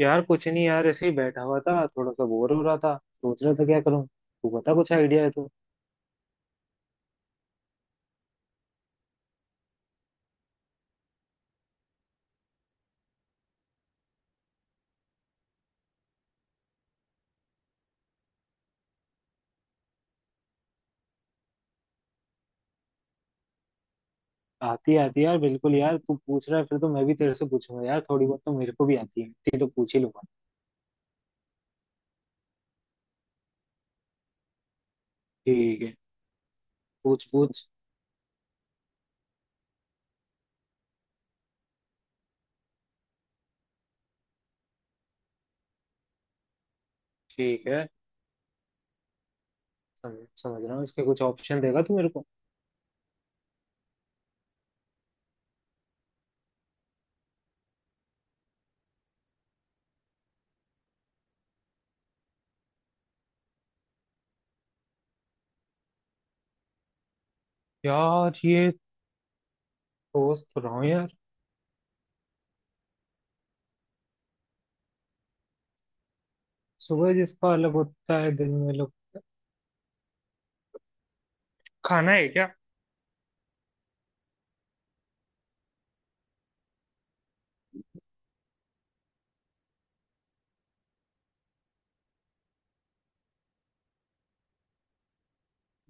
यार कुछ नहीं यार, ऐसे ही बैठा हुआ था। थोड़ा सा बोर हो रहा था, सोच रहा था क्या करूं। तू बता, कुछ आइडिया है तो। आती आती यार, बिल्कुल यार, तू पूछ रहा है फिर तो मैं भी तेरे से पूछूंगा यार। थोड़ी बहुत तो मेरे को भी आती है, इतनी तो पूछ ही लूंगा। ठीक है, पूछ पूछ। ठीक है, समझ समझ रहा हूँ। इसके कुछ ऑप्शन देगा तू मेरे को? यार ये, सोच तो रहा हूँ यार। सुबह जिसका अलग होता है, दिन में लोग खाना है क्या?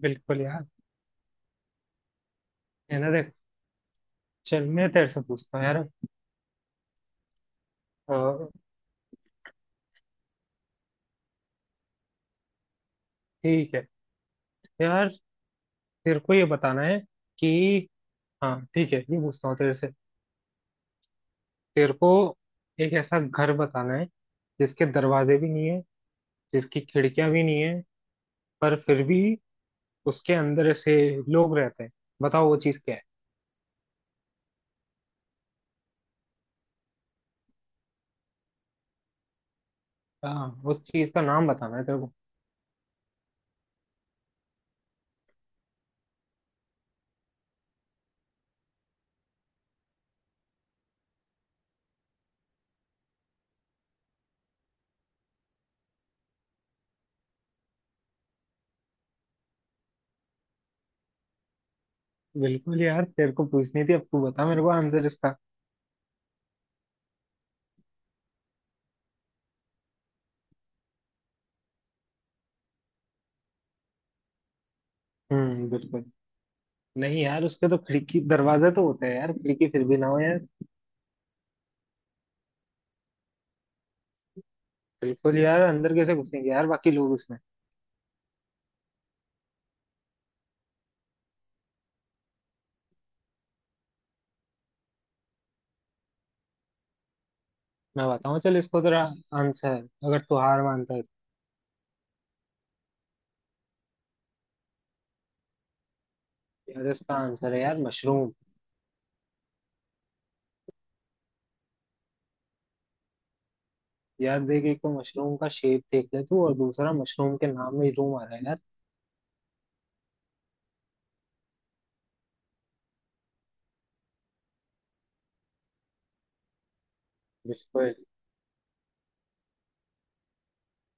बिल्कुल यार। है ना, देख, चल मैं तेरे से पूछता हूँ यार। अ, ठीक है यार, तेरे को ये बताना है कि, हाँ ठीक है, ये पूछता हूँ तेरे से। तेरे को एक ऐसा घर बताना है जिसके दरवाजे भी नहीं है, जिसकी खिड़कियां भी नहीं है, पर फिर भी उसके अंदर ऐसे लोग रहते हैं। बताओ वो चीज क्या है। हाँ, उस चीज का नाम बताना है तेरे को। बिल्कुल यार, तेरे को पूछनी थी। अब तू बता मेरे को आंसर इसका। हम्म, बिल्कुल नहीं यार, उसके तो खिड़की दरवाजे तो होते हैं यार। खिड़की फिर भी ना हो यार। बिल्कुल यार, अंदर कैसे घुसेंगे यार बाकी लोग उसमें। मैं बताऊं चल इसको, तेरा आंसर, अगर तू हार मानता है तो। यार इसका आंसर है यार, मशरूम। यार देख, एक तो मशरूम का शेप देख ले तू, और दूसरा मशरूम के नाम में ही रूम आ रहा है यार। बिल्कुल।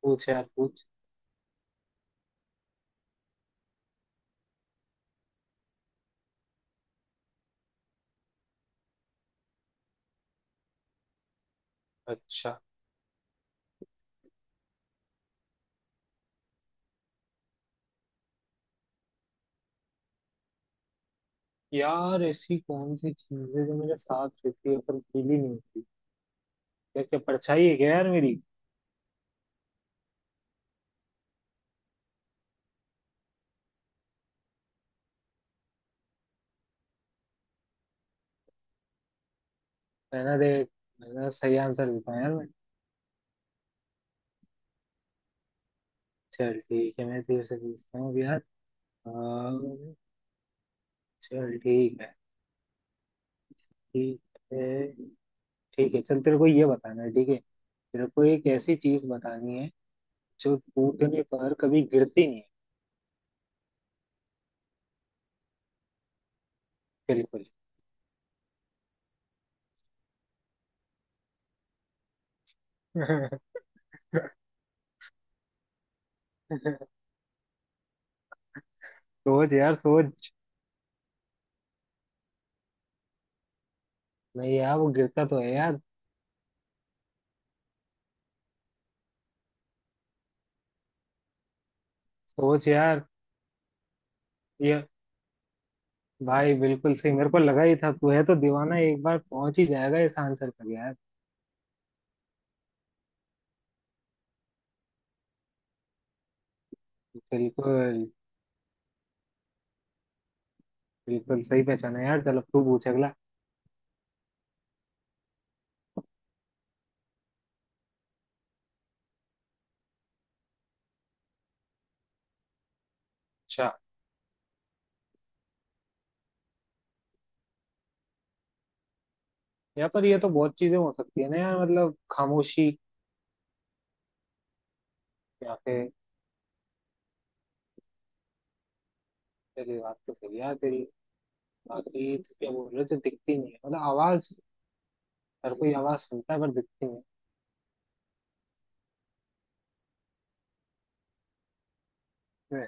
पूछ यार पूछ। अच्छा यार ऐसी कौन सी चीज है जो मेरे साथ रहती है पर गीली नहीं होती यार क्या परछाई है क्या यार मेरी मैंने देख मैंने सही आंसर देता हूँ यार मैं चल ठीक है मैं तेरे से पूछता हूँ अब यार अम, चल ठीक है ठीक है ठीक है चल तेरे को ये बताना है ठीक है तेरे को एक ऐसी चीज बतानी है जो टूटने पर कभी गिरती नहीं है बिल्कुल सोच यार सोच नहीं यार वो गिरता तो है यार सोच यार ये भाई बिल्कुल सही मेरे को लगा ही था तू है तो दीवाना एक बार पहुंच ही जाएगा इस आंसर तक यार बिल्कुल बिल्कुल सही पहचाना यार चल अब तू पूछ अगला अच्छा। यहाँ पर ये तो बहुत चीजें हो सकती है ना यार। मतलब खामोशी। या फिर, तेरी बात तो सही है यार तेरी। बाकी तू क्या बोल रहे हो, जो दिखती नहीं है, मतलब आवाज। हर कोई आवाज सुनता है पर दिखती नहीं। है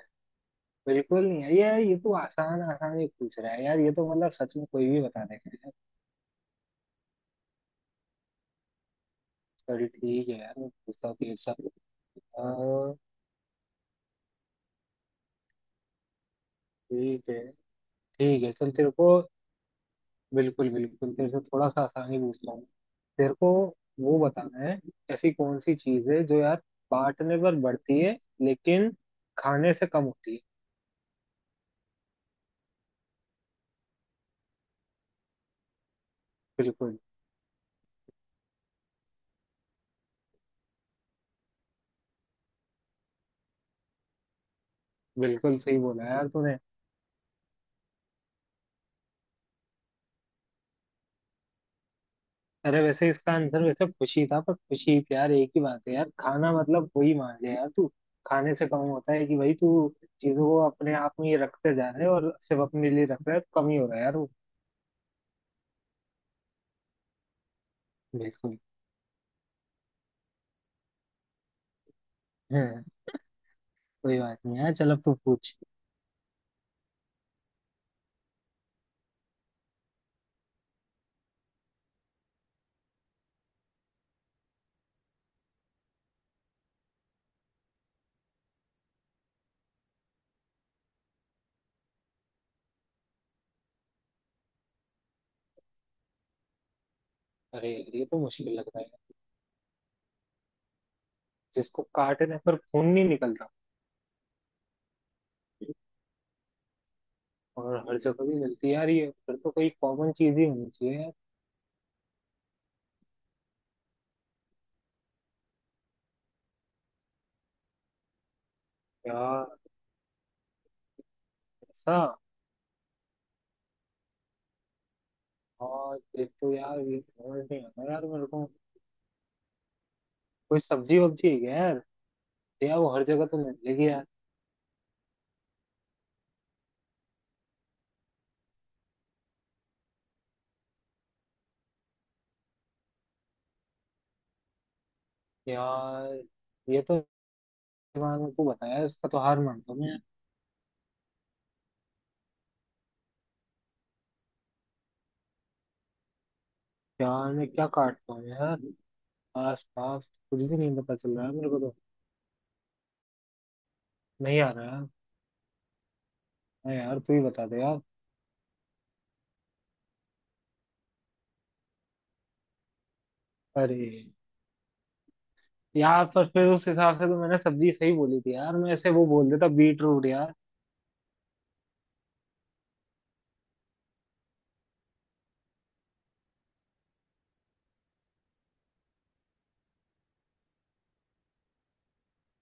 बिल्कुल नहीं है ये। ये तो आसान आसान ही पूछ रहा है यार। ये तो मतलब सच में कोई भी बता देगा। चल ठीक है यार, गुस्सा तेरे साथ। हाँ, ठीक है, ठीक है। चल तेरे को बिल्कुल बिल्कुल तेरे से थोड़ा सा आसानी पूछता हूँ। तेरे को वो बताना है, ऐसी कौन सी चीज है जो यार बांटने पर बढ़ती है लेकिन खाने से कम होती है। बिल्कुल। बिल्कुल सही बोला यार तूने। अरे वैसे इसका आंसर वैसे खुशी था, पर खुशी प्यार एक ही बात है यार। खाना मतलब वही मान ले यार तू। खाने से कम होता है कि भाई तू चीजों को अपने आप में ही रखते जा रहे है और सिर्फ अपने लिए रख रहा है तो कम ही हो रहा है यार वो। बिल्कुल। हम्म। कोई बात नहीं है, चल अब तू पूछ। अरे यार, ये तो मुश्किल लग रहा है। जिसको काटने पर खून नहीं निकलता और हर जगह भी मिलती है यार, ये फिर तो कोई कॉमन चीज ही होनी चाहिए यार। यार ऐसा, और एक तो यार ये समझ नहीं आता यार मेरे को। कोई सब्जी वब्जी है क्या यार? या वो हर जगह तो मिलेगी यार। यार ये तो दिमाग में, तू बताया इसका, तो हार मानता हूँ मैं। यार मैं क्या काटता हूँ यार, आस पास कुछ भी नहीं पता चल रहा है मेरे को तो। नहीं आ रहा है, हाँ यार तू ही बता दे यार। अरे यार, पर फिर उस हिसाब से तो मैंने सब्जी सही बोली थी यार। मैं ऐसे वो बोल देता बीट रूट यार।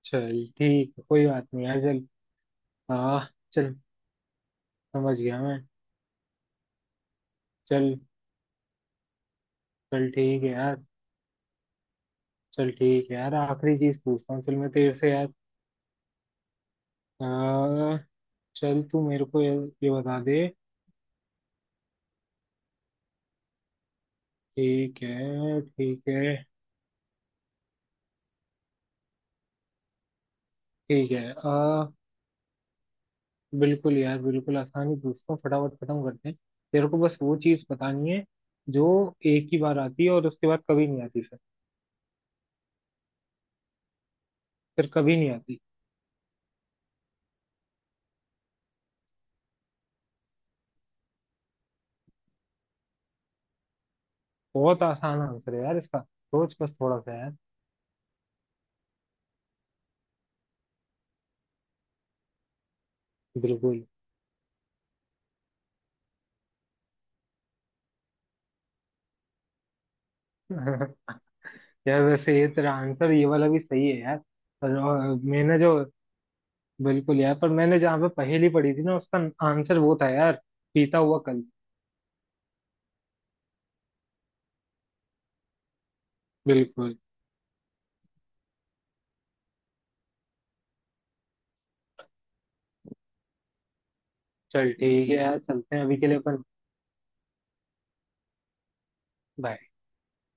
चल ठीक है, कोई बात नहीं यार, चल। हाँ, चल, समझ गया मैं। चल। चल ठीक है यार, चल ठीक है यार, आखिरी चीज पूछता हूँ चल मैं तेरे से यार। आ, चल तू मेरे को ये बता दे। ठीक है, ठीक है, ठीक है। बिल्कुल यार, बिल्कुल आसानी पूछता हूँ, फटाफट खत्म करते हैं। तेरे को बस वो चीज बतानी है जो एक ही बार आती है और उसके बाद कभी नहीं आती। फिर कभी नहीं आती। बहुत आसान आंसर है यार इसका, सोच बस थोड़ा सा यार। बिल्कुल। यार वैसे ये तेरा आंसर, ये वाला भी सही है यार। पर और मैंने जो, बिल्कुल यार, पर मैंने जहाँ पे पहेली पढ़ी थी ना, उसका आंसर वो था यार, पीता हुआ कल। बिल्कुल। चल ठीक है यार, चलते हैं अभी के लिए अपन। बाय।